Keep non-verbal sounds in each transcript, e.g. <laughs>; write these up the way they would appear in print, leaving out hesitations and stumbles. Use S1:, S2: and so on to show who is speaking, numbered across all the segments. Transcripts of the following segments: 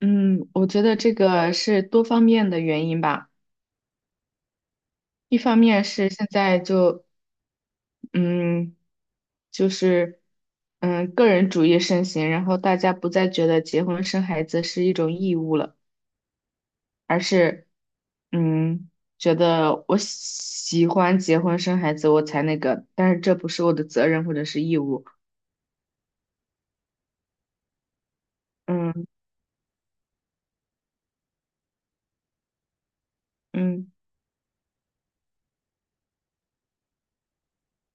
S1: 嗯，我觉得这个是多方面的原因吧。一方面是现在就嗯，就是个人主义盛行，然后大家不再觉得结婚生孩子是一种义务了，而是嗯，觉得我喜欢结婚生孩子我才那个，但是这不是我的责任或者是义务。嗯嗯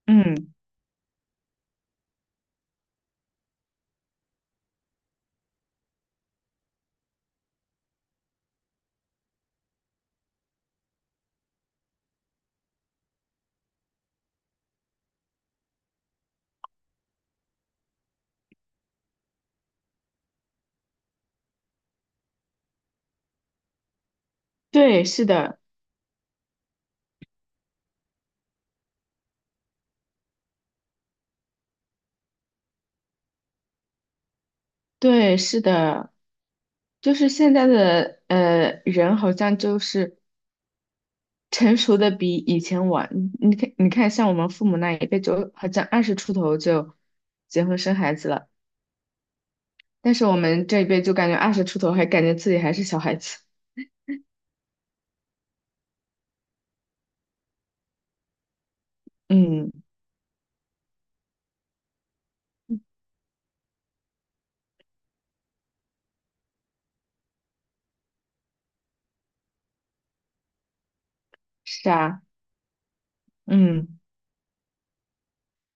S1: 嗯，对，是的，对，是的，就是现在的人好像就是。成熟的比以前晚。你看，你看，像我们父母那一辈就好像二十出头就结婚生孩子了，但是我们这一辈就感觉二十出头还感觉自己还是小孩子。嗯，是啊，嗯，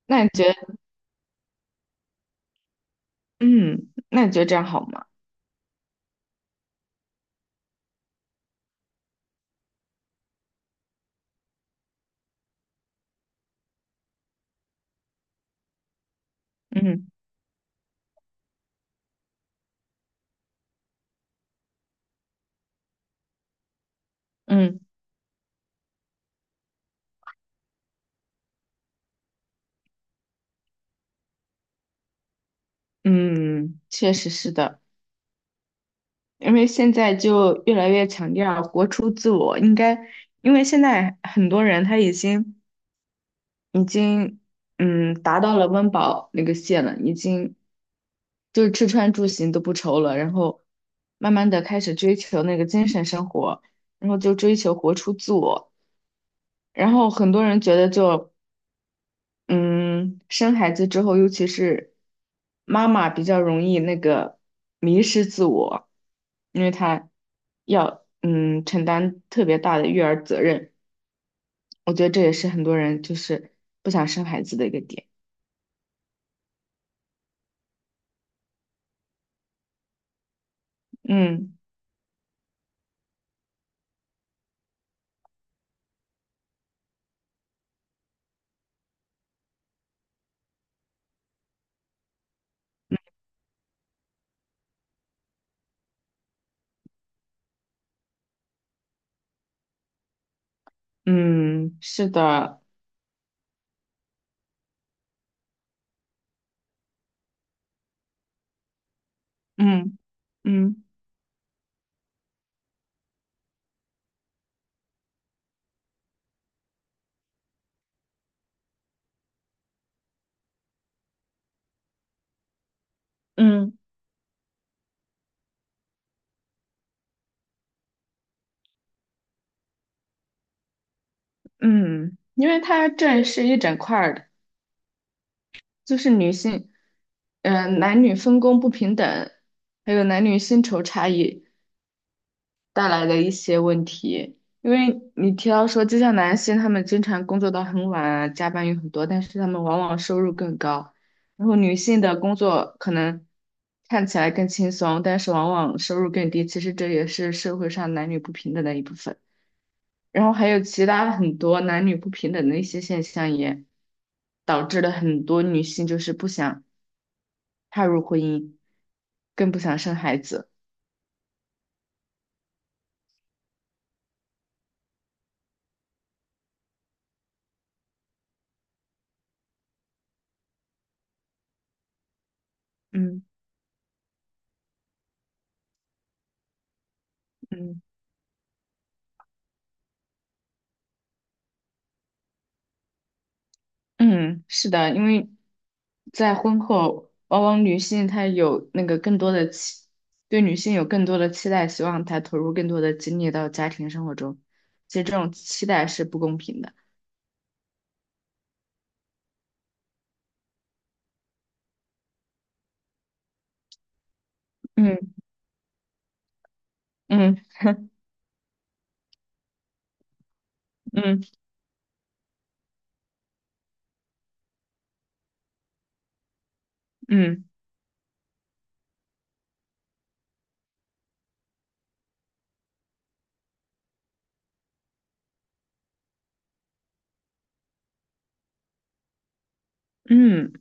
S1: 那你觉得，嗯，那你觉得这样好吗？嗯嗯嗯，确实是的，因为现在就越来越强调活出自我，应该，因为现在很多人他已经达到了温饱那个线了，已经。就是吃穿住行都不愁了，然后慢慢的开始追求那个精神生活，然后就追求活出自我。然后很多人觉得就，嗯，生孩子之后，尤其是妈妈比较容易那个迷失自我，因为她要承担特别大的育儿责任。我觉得这也是很多人就是不想生孩子的一个点。嗯嗯，是的，嗯嗯嗯。嗯，因为它这是一整块儿的，就是女性，嗯、男女分工不平等，还有男女薪酬差异带来的一些问题。因为你提到说，就像男性他们经常工作到很晚啊，加班有很多，但是他们往往收入更高。然后女性的工作可能看起来更轻松，但是往往收入更低。其实这也是社会上男女不平等的一部分。然后还有其他很多男女不平等的一些现象，也导致了很多女性就是不想踏入婚姻，更不想生孩子。嗯嗯嗯，是的，因为在婚后，往往女性她有那个更多的期，对女性有更多的期待，希望她投入更多的精力到家庭生活中。其实这种期待是不公平的。嗯嗯嗯嗯嗯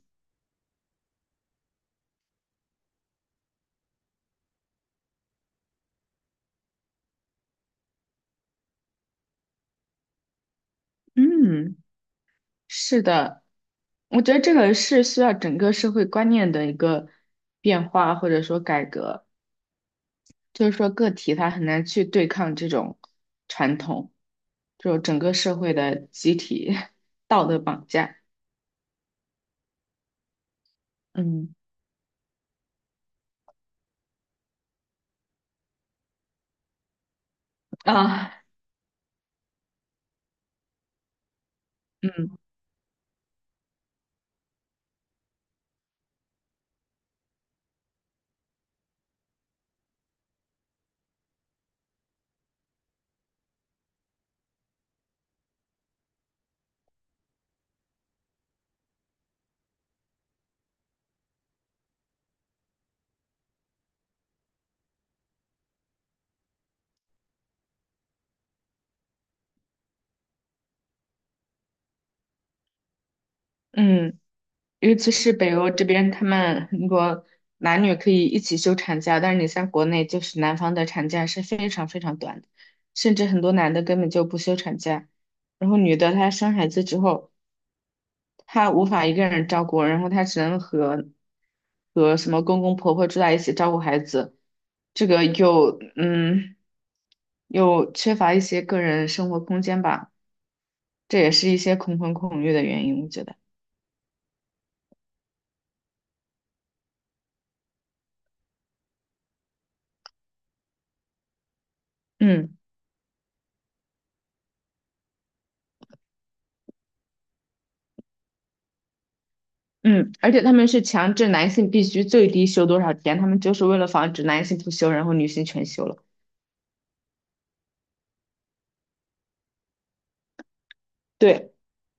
S1: 嗯，是的，我觉得这个是需要整个社会观念的一个变化或者说改革，就是说个体他很难去对抗这种传统，就整个社会的集体 <laughs> 道德绑架。嗯啊，嗯。嗯，尤其是北欧这边，他们很多男女可以一起休产假，但是你像国内，就是男方的产假是非常非常短的，甚至很多男的根本就不休产假。然后女的她生孩子之后，她无法一个人照顾，然后她只能和什么公公婆婆住在一起照顾孩子，这个又又缺乏一些个人生活空间吧，这也是一些恐婚恐育的原因，我觉得。嗯。嗯，而且他们是强制男性必须最低休多少天，他们就是为了防止男性不休，然后女性全休了。对，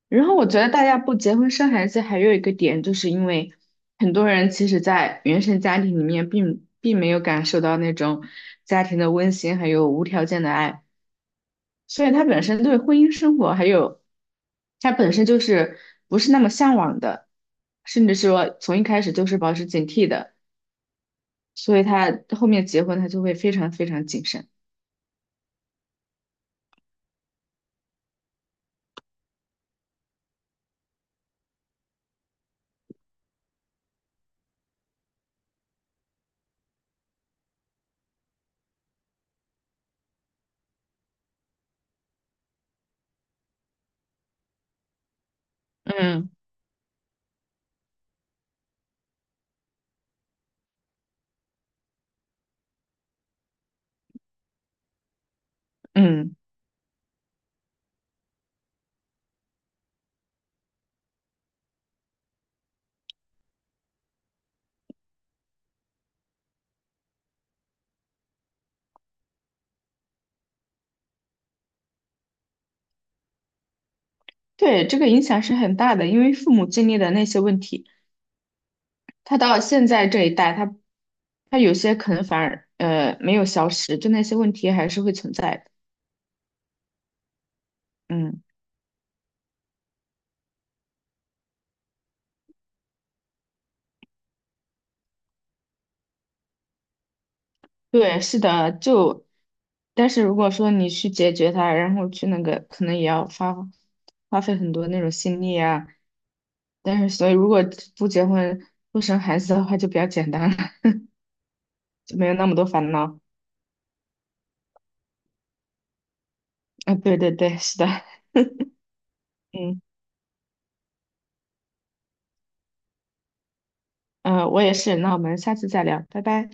S1: 然后我觉得大家不结婚生孩子还有一个点，就是因为很多人其实，在原生家庭里面并没有感受到那种家庭的温馨，还有无条件的爱，所以他本身对婚姻生活还有他本身就是不是那么向往的，甚至说从一开始就是保持警惕的，所以他后面结婚他就会非常非常谨慎。嗯嗯，对，这个影响是很大的，因为父母经历的那些问题，他到现在这一代，他有些可能反而没有消失，就那些问题还是会存在的。嗯，对，是的，就但是如果说你去解决它，然后去那个，可能也要花费很多那种心力啊。但是所以如果不结婚不生孩子的话，就比较简单了，就没有那么多烦恼。啊，对对对，是的，嗯。嗯，我也是。那我们下次再聊，拜拜。